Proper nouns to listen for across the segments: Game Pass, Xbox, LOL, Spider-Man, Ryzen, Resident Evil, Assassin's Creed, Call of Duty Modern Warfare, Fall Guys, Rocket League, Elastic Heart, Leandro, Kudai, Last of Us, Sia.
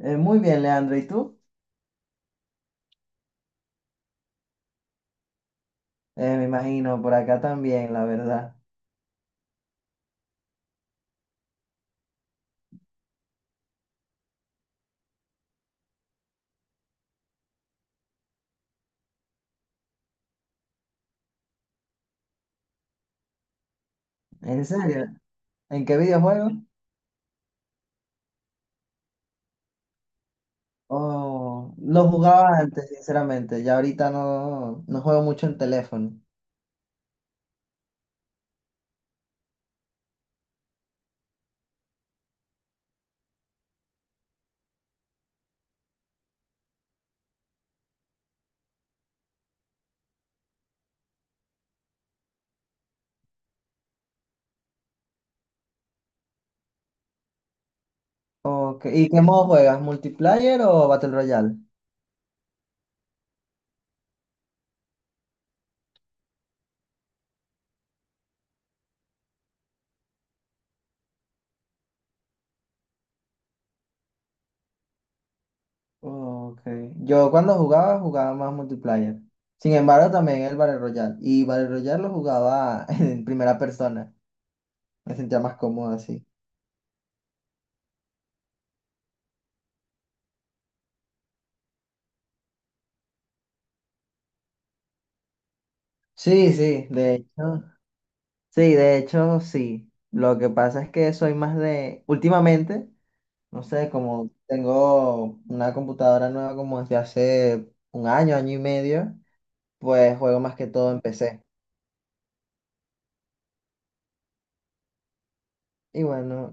Muy bien, Leandro. ¿Y tú? Me imagino, por acá también, la verdad. ¿En serio? ¿En qué videojuego? Oh, lo jugaba antes, sinceramente. Ya ahorita no, juego mucho en teléfono. Ok, ¿y qué modo juegas? ¿Multiplayer o Battle Royale? Ok. Yo cuando jugaba, jugaba más multiplayer. Sin embargo, también el Battle Royale. Y Battle Royale lo jugaba en primera persona. Me sentía más cómodo así. Sí, sí, de hecho. Sí, de hecho, sí. Lo que pasa es que soy más de, últimamente, no sé, como tengo una computadora nueva como desde hace un año, año y medio, pues juego más que todo en PC. Y bueno,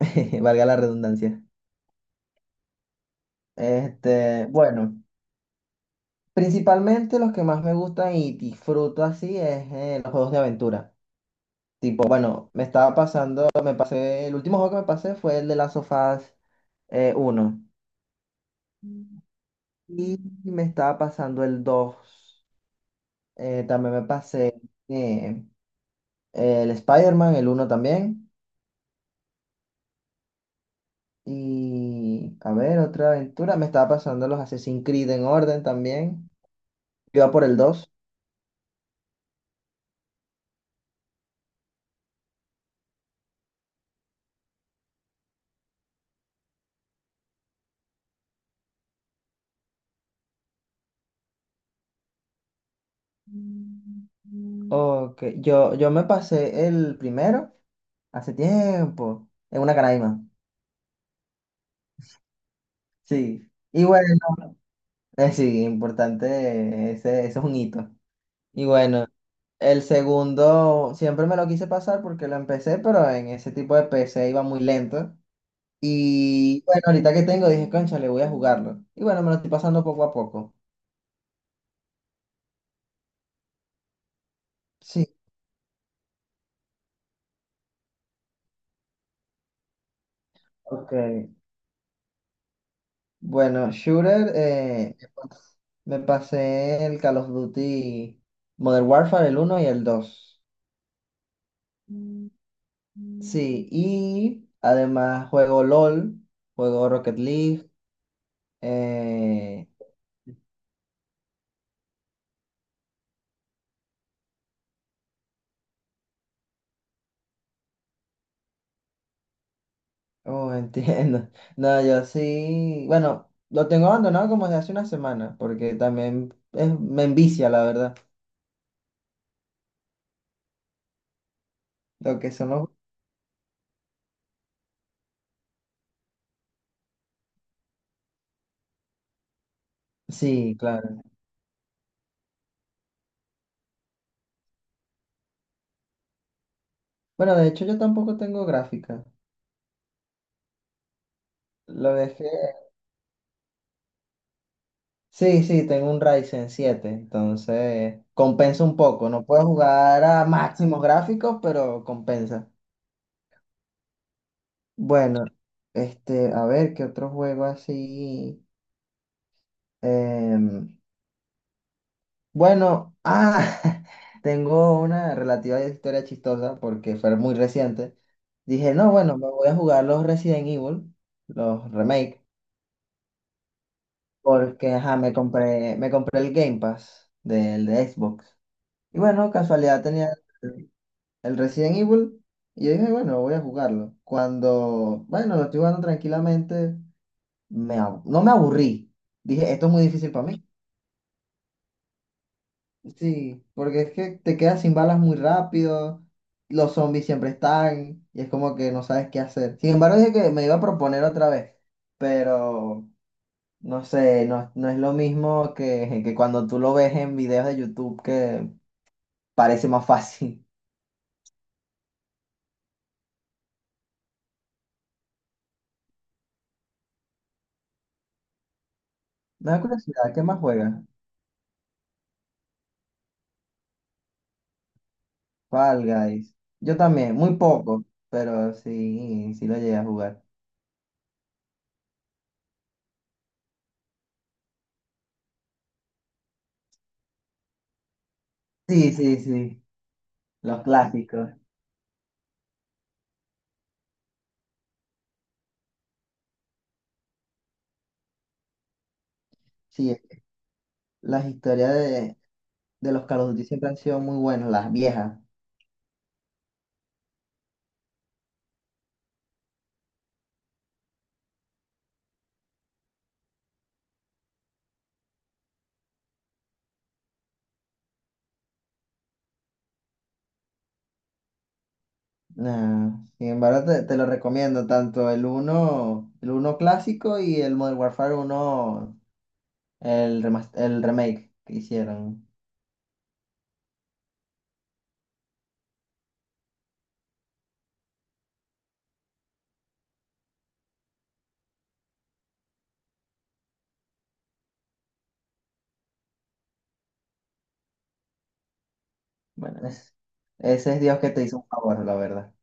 valga la redundancia. Bueno, principalmente los que más me gustan y disfruto así es los juegos de aventura. Tipo, bueno, me estaba pasando, me pasé, el último juego que me pasé fue el de Last of Us 1. Y me estaba pasando el dos. También me pasé eh, el Spider-Man, el uno también. Y a ver, otra aventura. Me estaba pasando los Assassin's Creed en orden también. Yo iba por el dos. Ok, yo me pasé el primero hace tiempo, en una canaima. Sí. Y bueno, sí, importante, ese es un hito. Y bueno. El segundo siempre me lo quise pasar porque lo empecé, pero en ese tipo de PC iba muy lento. Y bueno, ahorita que tengo, dije, concha, le voy a jugarlo. Y bueno, me lo estoy pasando poco a poco. Sí, ok. Bueno, shooter, me pasé el Call of Duty Modern Warfare, el uno y el dos. Sí, y además juego LOL, juego Rocket League. eh, Oh, entiendo. No, yo sí, bueno, lo tengo abandonado como desde hace una semana, porque también me envicia, la verdad, lo que son los... Sí, claro. Bueno, de hecho yo tampoco tengo gráfica. Lo dejé... Sí, sí, tengo un Ryzen siete, entonces compensa un poco. No puedo jugar a máximos gráficos, pero compensa. Bueno, este, a ver, ¿qué otro juego así? Em, Bueno, ah, tengo una relativa historia chistosa porque fue muy reciente. Dije, no, bueno, me voy a jugar los Resident Evil, los remake, porque ajá, me compré el Game Pass del de Xbox. Y bueno, casualidad tenía el el Resident Evil, y yo dije, bueno, voy a jugarlo. Cuando, bueno, lo estoy jugando tranquilamente, no me aburrí. Dije, esto es muy difícil para mí. Sí, porque es que te quedas sin balas muy rápido, los zombies siempre están y es como que no sabes qué hacer. Sin embargo, dije que me iba a proponer otra vez, pero no sé, no es lo mismo que cuando tú lo ves en videos de YouTube que parece más fácil. Me da curiosidad, ¿qué más juegas? Fall Guys. Yo también, muy poco, pero sí, sí lo llegué a jugar. Sí, sí, sí, los clásicos. Sí, las historias de los Call of Duty siempre han sido muy buenos, las viejas. Nah, sin embargo, te lo recomiendo, tanto el uno clásico y el Modern Warfare uno, el, el remake que hicieron. Bueno, ese es Dios que te hizo un favor, la verdad.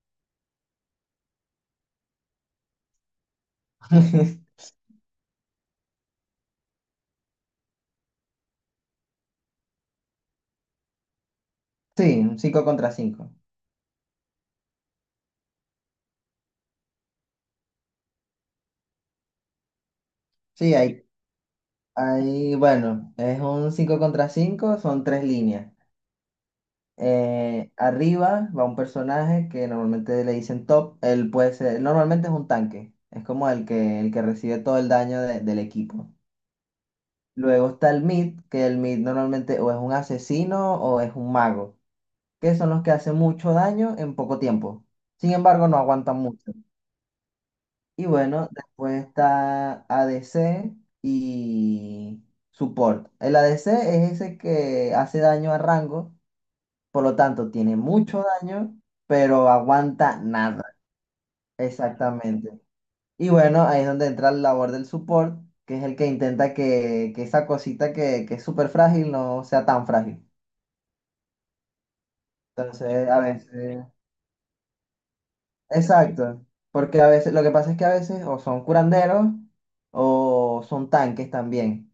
Sí, un 5 contra cinco. Sí, bueno, es un 5 contra cinco, son tres líneas. Arriba va un personaje que normalmente le dicen top. Él puede ser, normalmente es un tanque. Es como el que recibe todo el daño del equipo. Luego está el mid, que el mid normalmente o es un asesino o es un mago, que son los que hacen mucho daño en poco tiempo. Sin embargo, no aguantan mucho. Y bueno, después está ADC y support. El ADC es ese que hace daño a rango. Por lo tanto, tiene mucho daño, pero aguanta nada. Exactamente. Y bueno, ahí es donde entra la labor del support, que es el que intenta que esa cosita que es súper frágil no sea tan frágil. Entonces, a veces... Exacto. Porque a veces, lo que pasa es que a veces o son curanderos o son tanques también,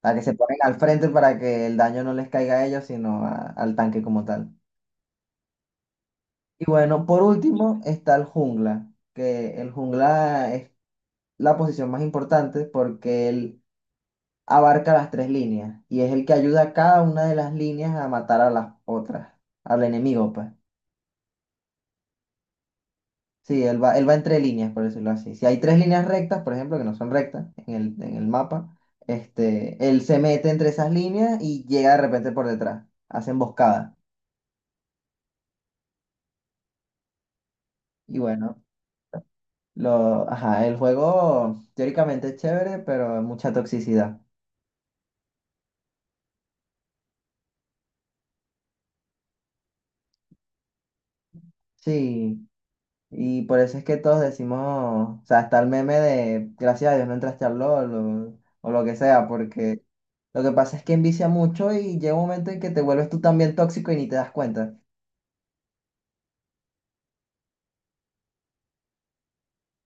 para que se ponen al frente para que el daño no les caiga a ellos, sino al tanque como tal. Y bueno, por último está el jungla, que el jungla es la posición más importante porque él abarca las tres líneas y es el que ayuda a cada una de las líneas a matar a las otras, al enemigo, pues. Sí, él va entre líneas, por decirlo así. Si hay tres líneas rectas, por ejemplo, que no son rectas en el mapa, este, él se mete entre esas líneas y llega de repente por detrás, hace emboscada. Y bueno, ajá, el juego teóricamente es chévere, pero mucha toxicidad. Sí. Y por eso es que todos decimos, o sea, está el meme de gracias a Dios no entraste al LOL, o lo que sea, porque lo que pasa es que envicia mucho y llega un momento en que te vuelves tú también tóxico y ni te das cuenta.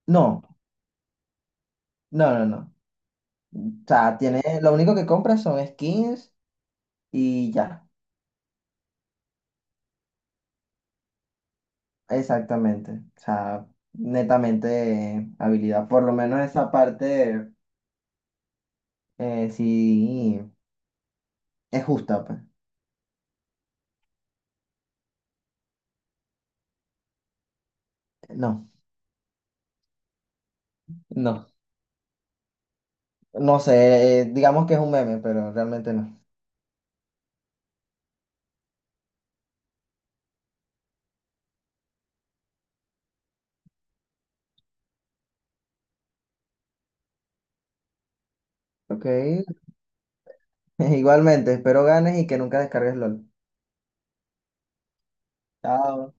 No, no, no. O sea, tiene, lo único que compras son skins y ya, exactamente. O sea, netamente habilidad. Por lo menos esa parte sí es justa, pues. No, no. No sé, digamos que es un meme, pero realmente no. Ok. Igualmente, espero ganes y que nunca descargues LOL. Chao.